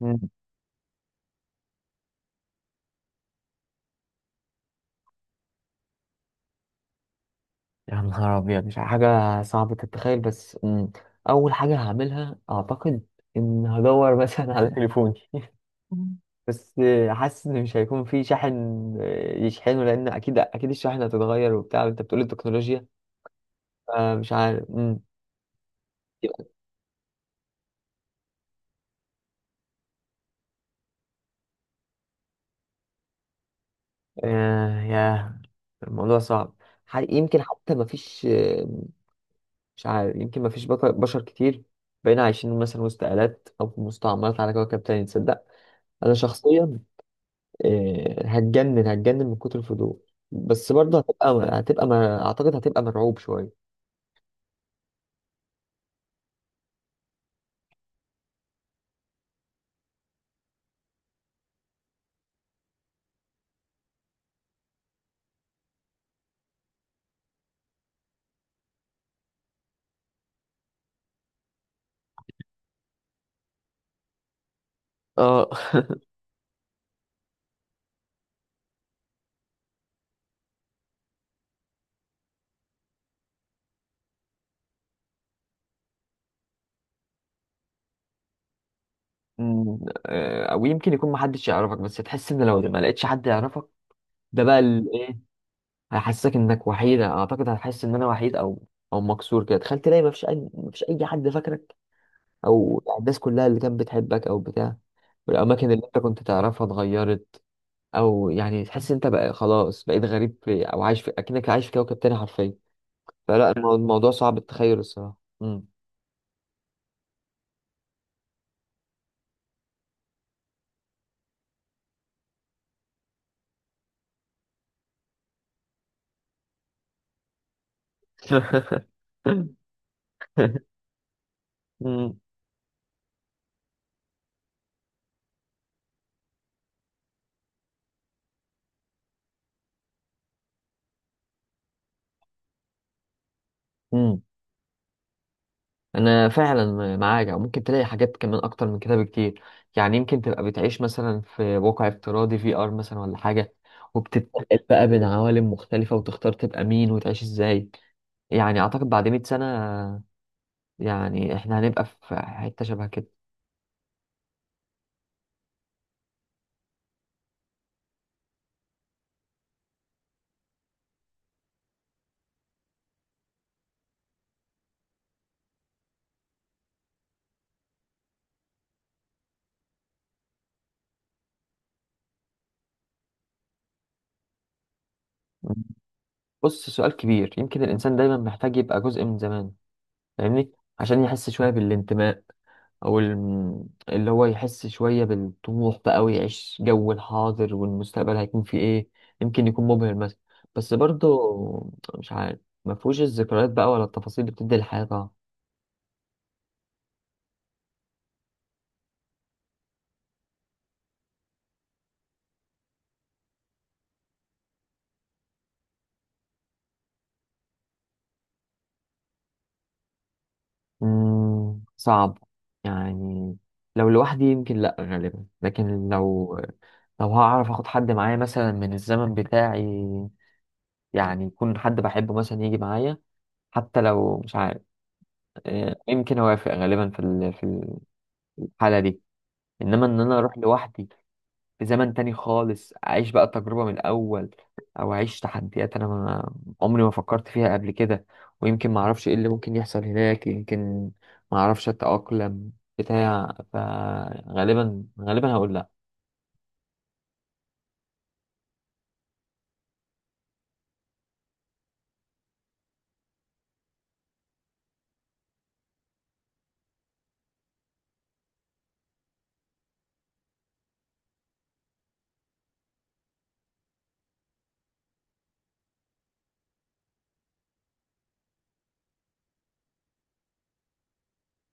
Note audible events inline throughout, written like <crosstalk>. مم. يا نهار أبيض، مش حاجة صعبة تتخيل. بس أول حاجة هعملها، أعتقد إن هدور <laughs> مثلا على تليفوني. <laughs> بس حاسس إن مش هيكون في شاحن. يشحنه، لأن أكيد أكيد الشاحن هتتغير وبتاع، وأنت بتقول التكنولوجيا. فمش عارف. آه، ياه، الموضوع صعب. يمكن حتى ما فيش. مش عارف، يمكن ما فيش بشر كتير. بقينا عايشين مثلا وسط آلات أو في مستعمرات على كوكب تاني، تصدق؟ أنا شخصيا هتجنن هتجنن من كتر الفضول. بس برضه هتبقى، ما اعتقد هتبقى مرعوب شويه. اه. <laughs> أمم، او يمكن يكون محدش يعرفك، بس تحس ان لو ما لقيتش حد يعرفك، ده بقى ايه، هيحسسك انك وحيد، اعتقد هتحس ان انا وحيد، او مكسور كده. تخيل تلاقي ما فيش اي حد فاكرك، او الناس كلها اللي كانت بتحبك او بتاع، والاماكن اللي انت كنت تعرفها اتغيرت، او يعني تحس انت بقى خلاص بقيت غريب في، او عايش في، اكنك عايش في كوكب تاني حرفيا. فلا، الموضوع صعب التخيل الصراحة. <laughs> مم. مم. انا فعلا معاك، او ممكن تلاقي حاجات كمان اكتر من كده بكتير. يعني يمكن تبقى بتعيش مثلا في واقع افتراضي، في ار مثلا ولا حاجة، وبتتنقل بقى بين عوالم مختلفة، وتختار تبقى مين وتعيش ازاي. يعني اعتقد بعد 100 سنة، يعني احنا هنبقى في حتة شبه كده. بص، سؤال كبير. يمكن الانسان دايما محتاج يبقى جزء من زمان، فاهمني، عشان يحس شوية بالانتماء، او اللي هو يحس شوية بالطموح بقى، ويعيش جو الحاضر، والمستقبل هيكون فيه ايه. يمكن يكون مبهر مثلا، بس برضه مش عارف، ما فيهوش الذكريات بقى ولا التفاصيل اللي بتدي الحياة طبعا. مم، صعب. يعني لو لوحدي يمكن لا غالبا، لكن لو هعرف اخد حد معايا مثلا من الزمن بتاعي، يعني يكون حد بحبه مثلا يجي معايا، حتى لو مش عارف. آه، يمكن اوافق غالبا في الحالة دي. انما ان انا اروح لوحدي في زمن تاني خالص، اعيش بقى التجربه من الاول، او اعيش تحديات انا ما عمري ما فكرت فيها قبل كده، ويمكن ما اعرفش ايه اللي ممكن يحصل هناك، يمكن ما اعرفش اتاقلم بتاع. فغالبا غالبا هقول لا.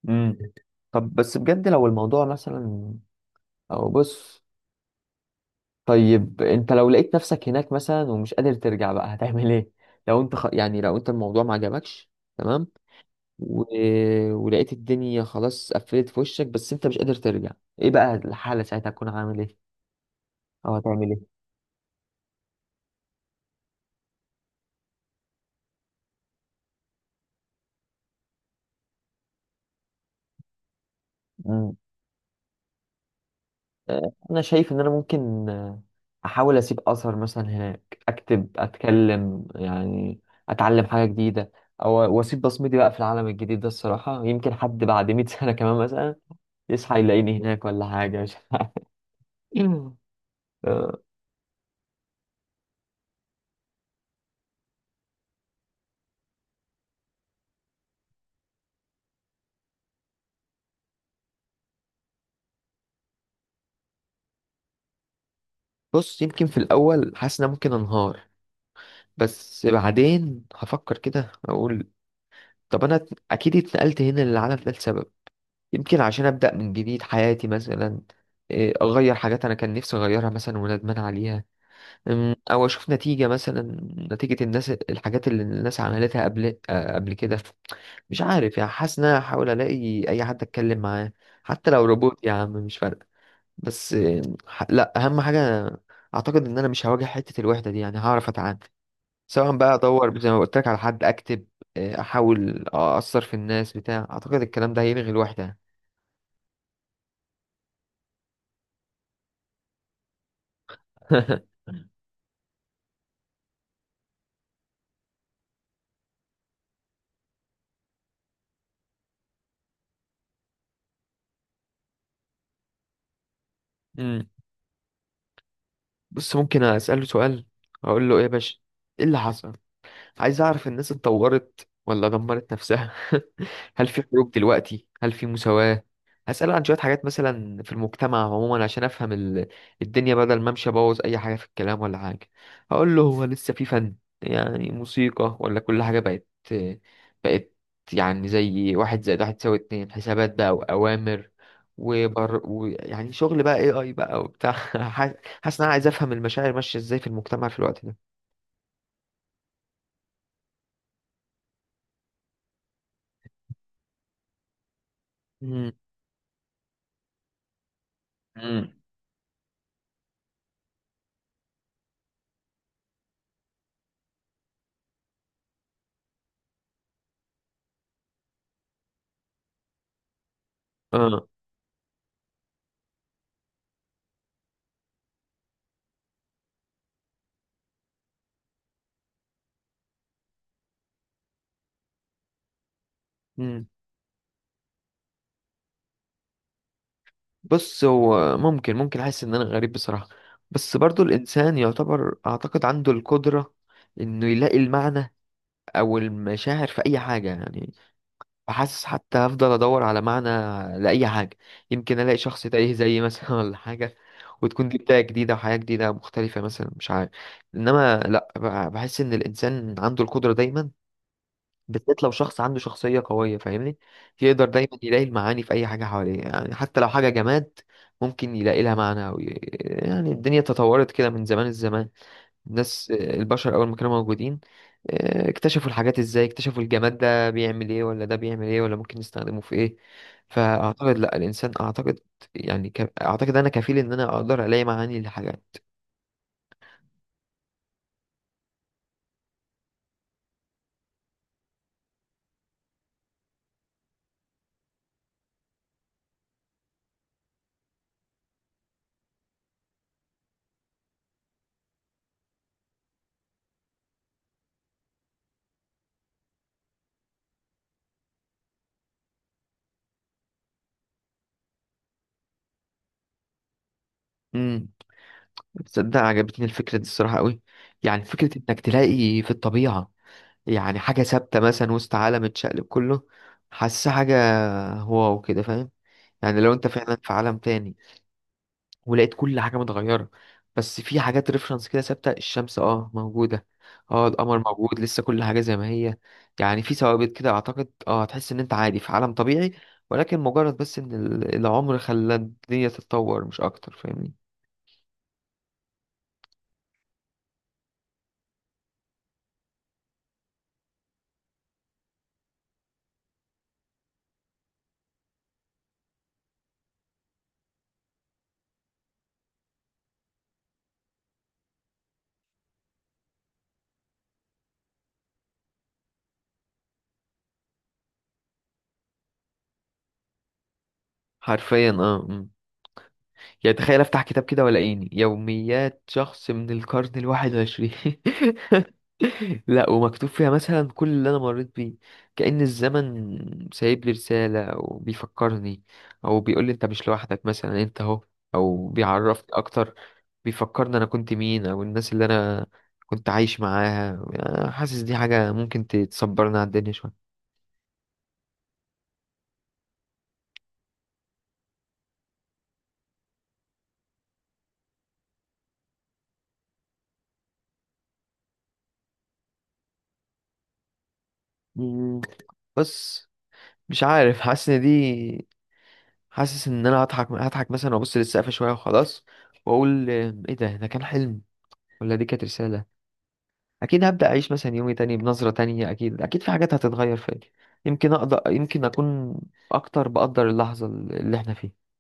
امم طب بس بجد لو الموضوع مثلا، او بص، طيب انت لو لقيت نفسك هناك مثلا ومش قادر ترجع بقى، هتعمل ايه؟ يعني لو انت الموضوع ما عجبكش، تمام، و... ولقيت الدنيا خلاص قفلت في وشك بس انت مش قادر ترجع، ايه بقى الحالة ساعتها؟ هتكون عامل ايه؟ او هتعمل ايه؟ مم. انا شايف ان انا ممكن احاول اسيب اثر مثلا هناك، اكتب، اتكلم يعني، اتعلم حاجة جديدة، او واسيب بصمتي بقى في العالم الجديد ده الصراحة. يمكن حد بعد 100 <laughs> سنة كمان مثلا يصحى يلاقيني هناك ولا حاجة، مش عارف. <laughs> آه، بص، يمكن في الاول حاسس ان انا ممكن انهار، بس بعدين هفكر كده، اقول طب انا اكيد اتنقلت هنا للعالم ده لسبب، يمكن عشان ابدا من جديد حياتي مثلا، اغير حاجات انا كان نفسي اغيرها مثلا وندمان عليها. او اشوف نتيجه مثلا، نتيجه الناس، الحاجات اللي الناس عملتها قبل، قبل كده. مش عارف يعني، حاسس ان انا هحاول الاقي اي حد اتكلم معاه، حتى لو روبوت يا عم، مش فارقه. بس لا، اهم حاجه، اعتقد ان انا مش هواجه حته الوحده دي، يعني هعرف اتعامل، سواء بقى ادور زي ما قلت لك على حد، اكتب، احاول اثر في الناس بتاع، اعتقد الكلام ده هيلغي الوحده. <laughs> مم. بص، ممكن اساله سؤال، اقول له ايه يا باشا، ايه اللي حصل؟ عايز اعرف الناس اتطورت ولا دمرت نفسها. <laughs> هل في حروب دلوقتي؟ هل في مساواة؟ هسأل عن شوية حاجات مثلا في المجتمع عموما، عشان افهم الدنيا، بدل ما امشي ابوظ اي حاجة في الكلام ولا حاجة. هقول له: هو لسه في فن؟ يعني موسيقى؟ ولا كل حاجة بقت يعني زي 1+1=2، حسابات بقى وأوامر، وبر ويعني شغل بقى، اي بقى وبتاع. <laughs> حاسس ان انا عايز افهم المشاعر ماشية ازاي في المجتمع في الوقت ده. مم. مم. اه. مم. بص، هو ممكن احس ان انا غريب بصراحة، بس برضو الانسان يعتبر اعتقد عنده القدرة انه يلاقي المعنى او المشاعر في اي حاجة يعني. بحاسس حتى هفضل ادور على معنى لاي حاجة. يمكن الاقي شخص تايه زيي مثلا، <laughs> ولا حاجة، وتكون دي بداية جديدة وحياة جديدة مختلفة مثلا، مش عارف. انما لا، بحس ان الانسان عنده القدرة دايما، بالذات لو شخص عنده شخصية قوية، فاهمني، يقدر دايما يلاقي المعاني في أي حاجة حواليه، يعني حتى لو حاجة جماد ممكن يلاقي لها معنى يعني الدنيا تطورت كده من زمان الزمان. الناس، البشر أول ما كانوا موجودين، اكتشفوا الحاجات إزاي، اكتشفوا الجماد ده بيعمل إيه، ولا ده بيعمل إيه، ولا ممكن نستخدمه في إيه. فأعتقد لأ، الإنسان أعتقد، أعتقد أنا كفيل إن أنا أقدر ألاقي معاني للحاجات. امم. تصدق عجبتني الفكرة دي الصراحة قوي. يعني فكرة إنك تلاقي في الطبيعة يعني حاجة ثابتة مثلا وسط عالم اتشقلب كله، حاسة حاجة، واو كده، فاهم. يعني لو انت فعلا في عالم تاني، ولقيت كل حاجة متغيرة، بس في حاجات ريفرنس كده ثابتة، الشمس اه موجودة، اه القمر موجود لسه، كل حاجة زي ما هي، يعني في ثوابت كده، اعتقد هتحس ان انت عادي في عالم طبيعي، ولكن مجرد بس ان العمر خلى الدنيا تتطور مش اكتر، فاهمني. حرفيا اه. يعني تخيل افتح كتاب كده، ولا عيني يوميات شخص من القرن الواحد وعشرين، <laughs> لا ومكتوب فيها مثلا كل اللي انا مريت بيه، كأن الزمن سايب لي رسالة او بيفكرني، او بيقول لي انت مش لوحدك مثلا، انت اهو، او بيعرفني اكتر، بيفكرني انا كنت مين او الناس اللي انا كنت عايش معاها. أنا حاسس دي حاجة ممكن تصبرنا على الدنيا شوية. مم، بس مش عارف. حاسس ان انا هضحك هضحك مثلا، وابص للسقف شويه وخلاص، واقول ايه ده كان حلم ولا دي كانت رساله؟ اكيد هبدا اعيش مثلا يومي تاني بنظره تانية، اكيد اكيد في حاجات هتتغير فيا، يمكن اقدر، يمكن اكون اكتر بقدر اللحظه اللي احنا فيها